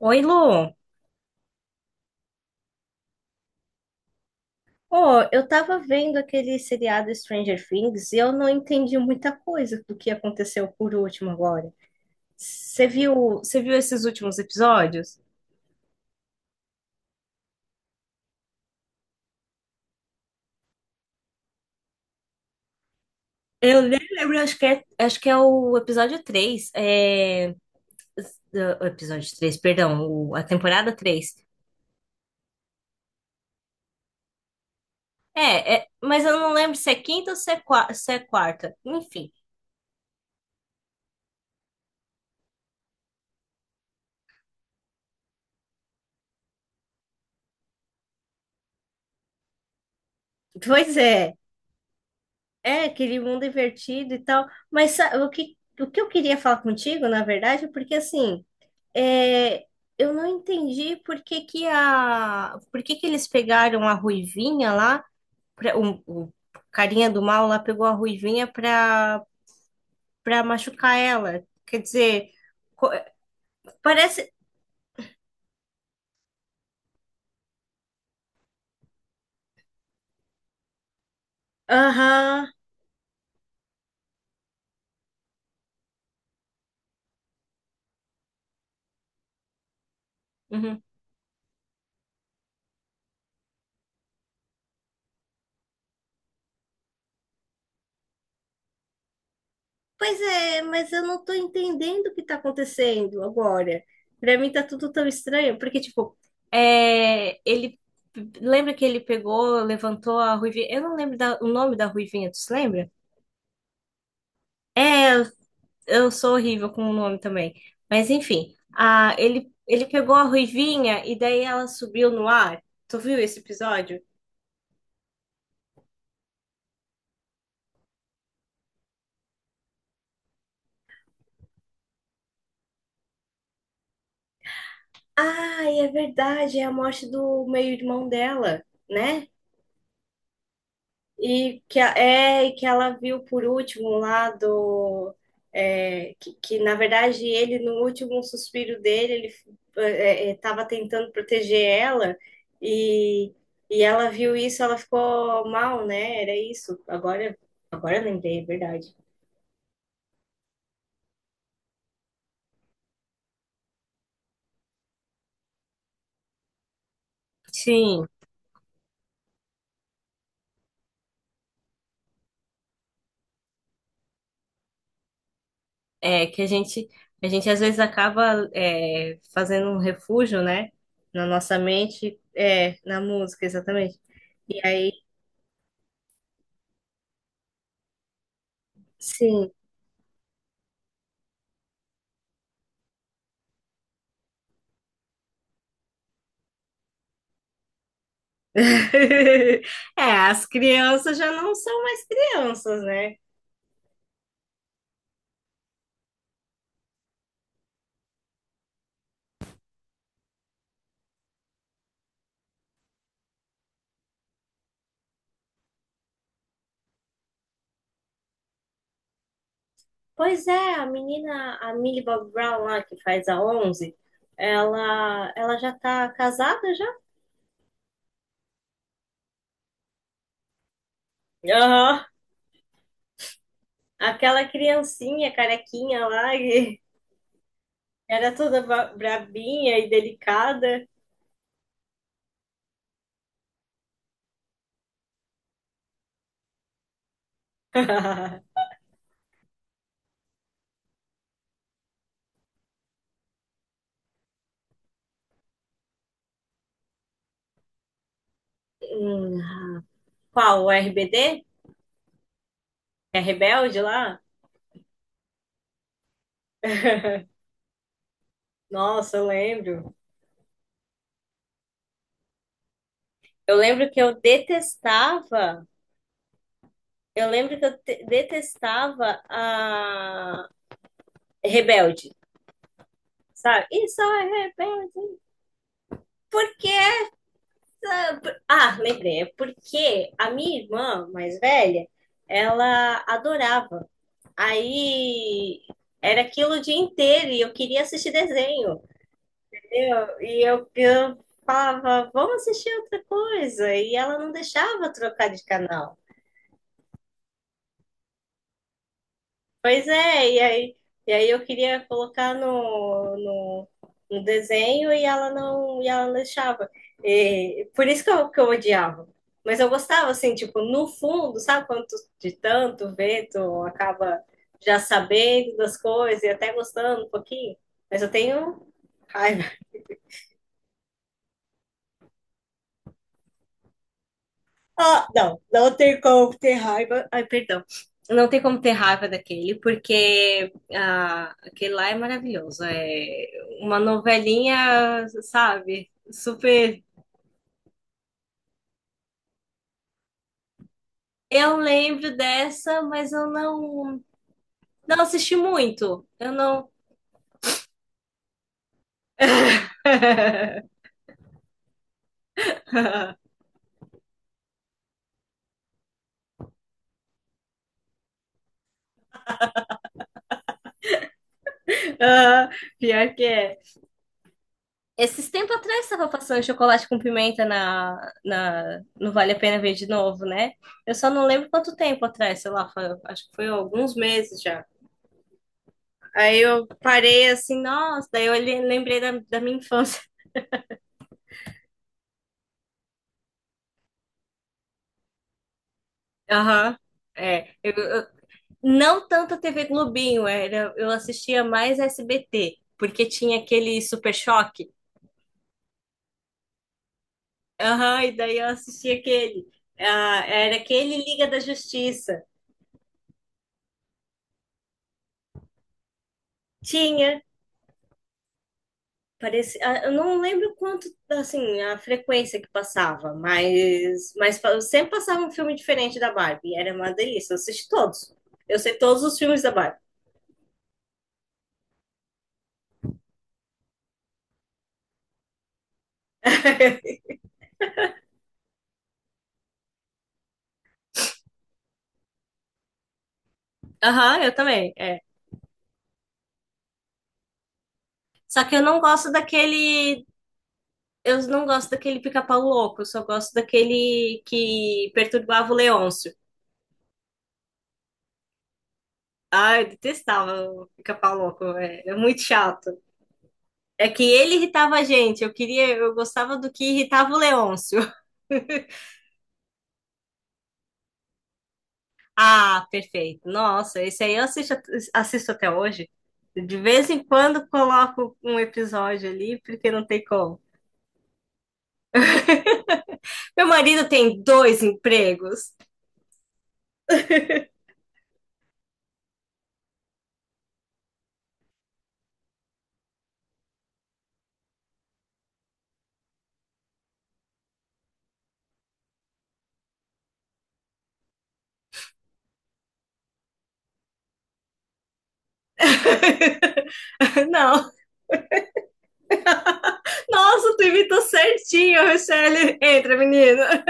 Oi, Lu. Oh, eu tava vendo aquele seriado Stranger Things e eu não entendi muita coisa do que aconteceu por último agora. Você viu, você viu esses últimos episódios? Eu nem lembro, acho que é o episódio três. É, o episódio 3, perdão, a temporada 3. Mas eu não lembro se é quinta ou se é, se é quarta. Enfim. Pois é, é aquele mundo invertido e tal. Mas o que eu queria falar contigo, na verdade, é porque assim. É, eu não entendi por que que eles pegaram a Ruivinha lá, o carinha do mal lá pegou a Ruivinha pra machucar ela. Quer dizer, co- parece. Aham. Uhum. Pois é, mas eu não tô entendendo o que tá acontecendo agora. Pra mim tá tudo tão estranho, porque, tipo, é, ele. Lembra que ele pegou, levantou a Ruivinha? Eu não lembro o nome da Ruivinha, tu se lembra? É, eu sou horrível com o nome também. Mas enfim, ele pegou a Ruivinha e daí ela subiu no ar. Tu viu esse episódio? Ah, é verdade, é a morte do meio-irmão dela, né? E que, e que ela viu por último lá do. Que, na verdade no último suspiro dele, ele estava tentando proteger ela e, e ela viu isso, ela ficou mal, né? Era isso. Agora eu lembrei, é verdade. Sim, é que a gente às vezes acaba fazendo um refúgio, né? Na nossa mente, é, na música, exatamente. E aí, sim. É, as crianças já não são mais crianças, né? Pois é, a Millie Bob Brown lá, que faz a 11, ela já tá casada já? Aham. Aquela criancinha carequinha lá, que era toda brabinha e delicada. Hum, qual, o RBD? É rebelde lá? Nossa, eu lembro. Eu lembro que eu detestava Eu lembro que eu detestava a Rebelde, sabe? Isso é rebelde. Porque, ah, lembrei, é porque a minha irmã mais velha, ela adorava. Aí era aquilo o dia inteiro e eu queria assistir desenho, entendeu? E eu falava, vamos assistir outra coisa. E ela não deixava trocar de canal. Pois é, e aí eu queria colocar no desenho e ela não deixava. E por isso que que eu odiava. Mas eu gostava, assim, tipo, no fundo, sabe quando de tanto ver, tu acaba já sabendo das coisas e até gostando um pouquinho? Mas eu tenho raiva. Ah, não, não tem como ter raiva. Ai, perdão. Não tem como ter raiva daquele, porque ah, aquele lá é maravilhoso. É uma novelinha, sabe? Super. Eu lembro dessa, mas eu não, não assisti muito. Eu não. Ah, pior que é. Esses tempos atrás estava passando chocolate com pimenta no Vale a Pena Ver de novo, né? Eu só não lembro quanto tempo atrás, sei lá, acho que foi alguns meses já. Aí eu parei assim, nossa, daí eu lembrei da minha infância. Aham, é. Não tanto a TV Globinho, era, eu assistia mais SBT, porque tinha aquele Super Choque. Aham, e daí eu assistia aquele. Ah, era aquele Liga da Justiça. Tinha. Parecia, eu não lembro quanto, assim, a frequência que passava, mas sempre passava um filme diferente da Barbie. E era uma delícia. Eu assisti todos. Eu sei todos os filmes da Barbie. Aham, eu também. É. Só que eu não gosto daquele. Eu não gosto daquele pica-pau louco. Eu só gosto daquele que perturbava o Leôncio. Ah, eu detestava o pica-pau louco. É muito chato. É que ele irritava a gente. Eu gostava do que irritava o Leôncio. Ah, perfeito. Nossa, esse aí assisto até hoje. De vez em quando coloco um episódio ali, porque não tem como. Meu marido tem dois empregos. Não. Nossa, tu imitou certinho, Michele. Entra, menina.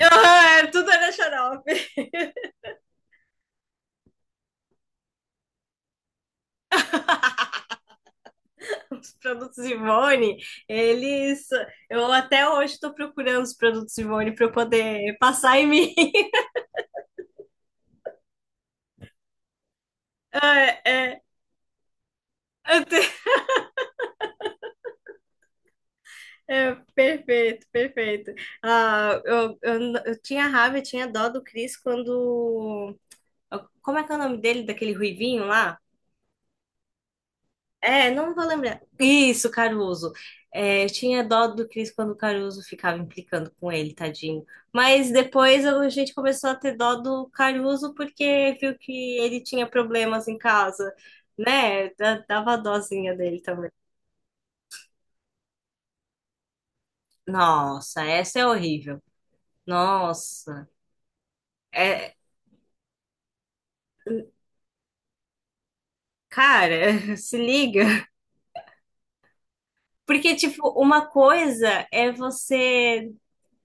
Ah, é, tudo era xarope. Os produtos Ivone, eles. Eu até hoje estou procurando os produtos Ivone para eu poder passar em mim. É, é. É, perfeito, perfeito. Ah, eu tinha raiva, eu tinha dó do Chris quando. Como é que é o nome dele, daquele ruivinho lá? É, não vou lembrar. Isso, Caruso. É, eu tinha dó do Chris quando o Caruso ficava implicando com ele, tadinho. Mas depois a gente começou a ter dó do Caruso porque viu que ele tinha problemas em casa, né? Dava dózinha dele também. Nossa, essa é horrível. Nossa. É, cara, se liga. Porque, tipo, uma coisa é você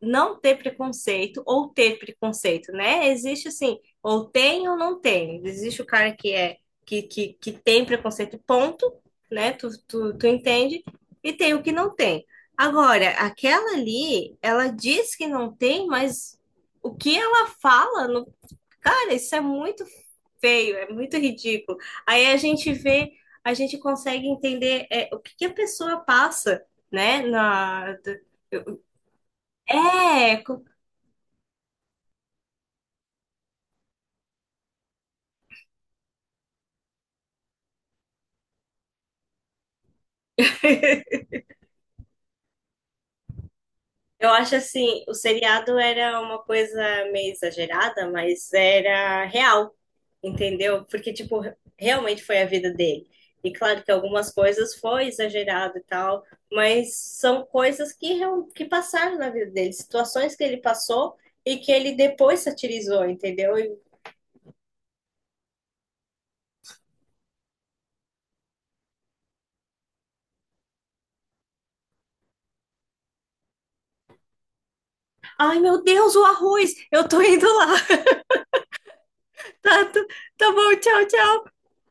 não ter preconceito ou ter preconceito, né? Existe assim, ou tem ou não tem. Existe o cara que é que tem preconceito, ponto, né? Tu entende? E tem o que não tem. Agora, aquela ali, ela diz que não tem, mas o que ela fala no... Cara, isso é muito feio, é muito ridículo. Aí a gente vê, a gente consegue entender é, o que que a pessoa passa, né? Na, do- é, co- eu acho assim, o seriado era uma coisa meio exagerada, mas era real, entendeu? Porque, tipo, realmente foi a vida dele. E claro que algumas coisas foi exagerado e tal, mas são coisas que, que passaram na vida dele, situações que ele passou e que ele depois satirizou, entendeu? Ai, meu Deus, o arroz! Eu tô indo lá. Tá, tá bom, tchau, tchau.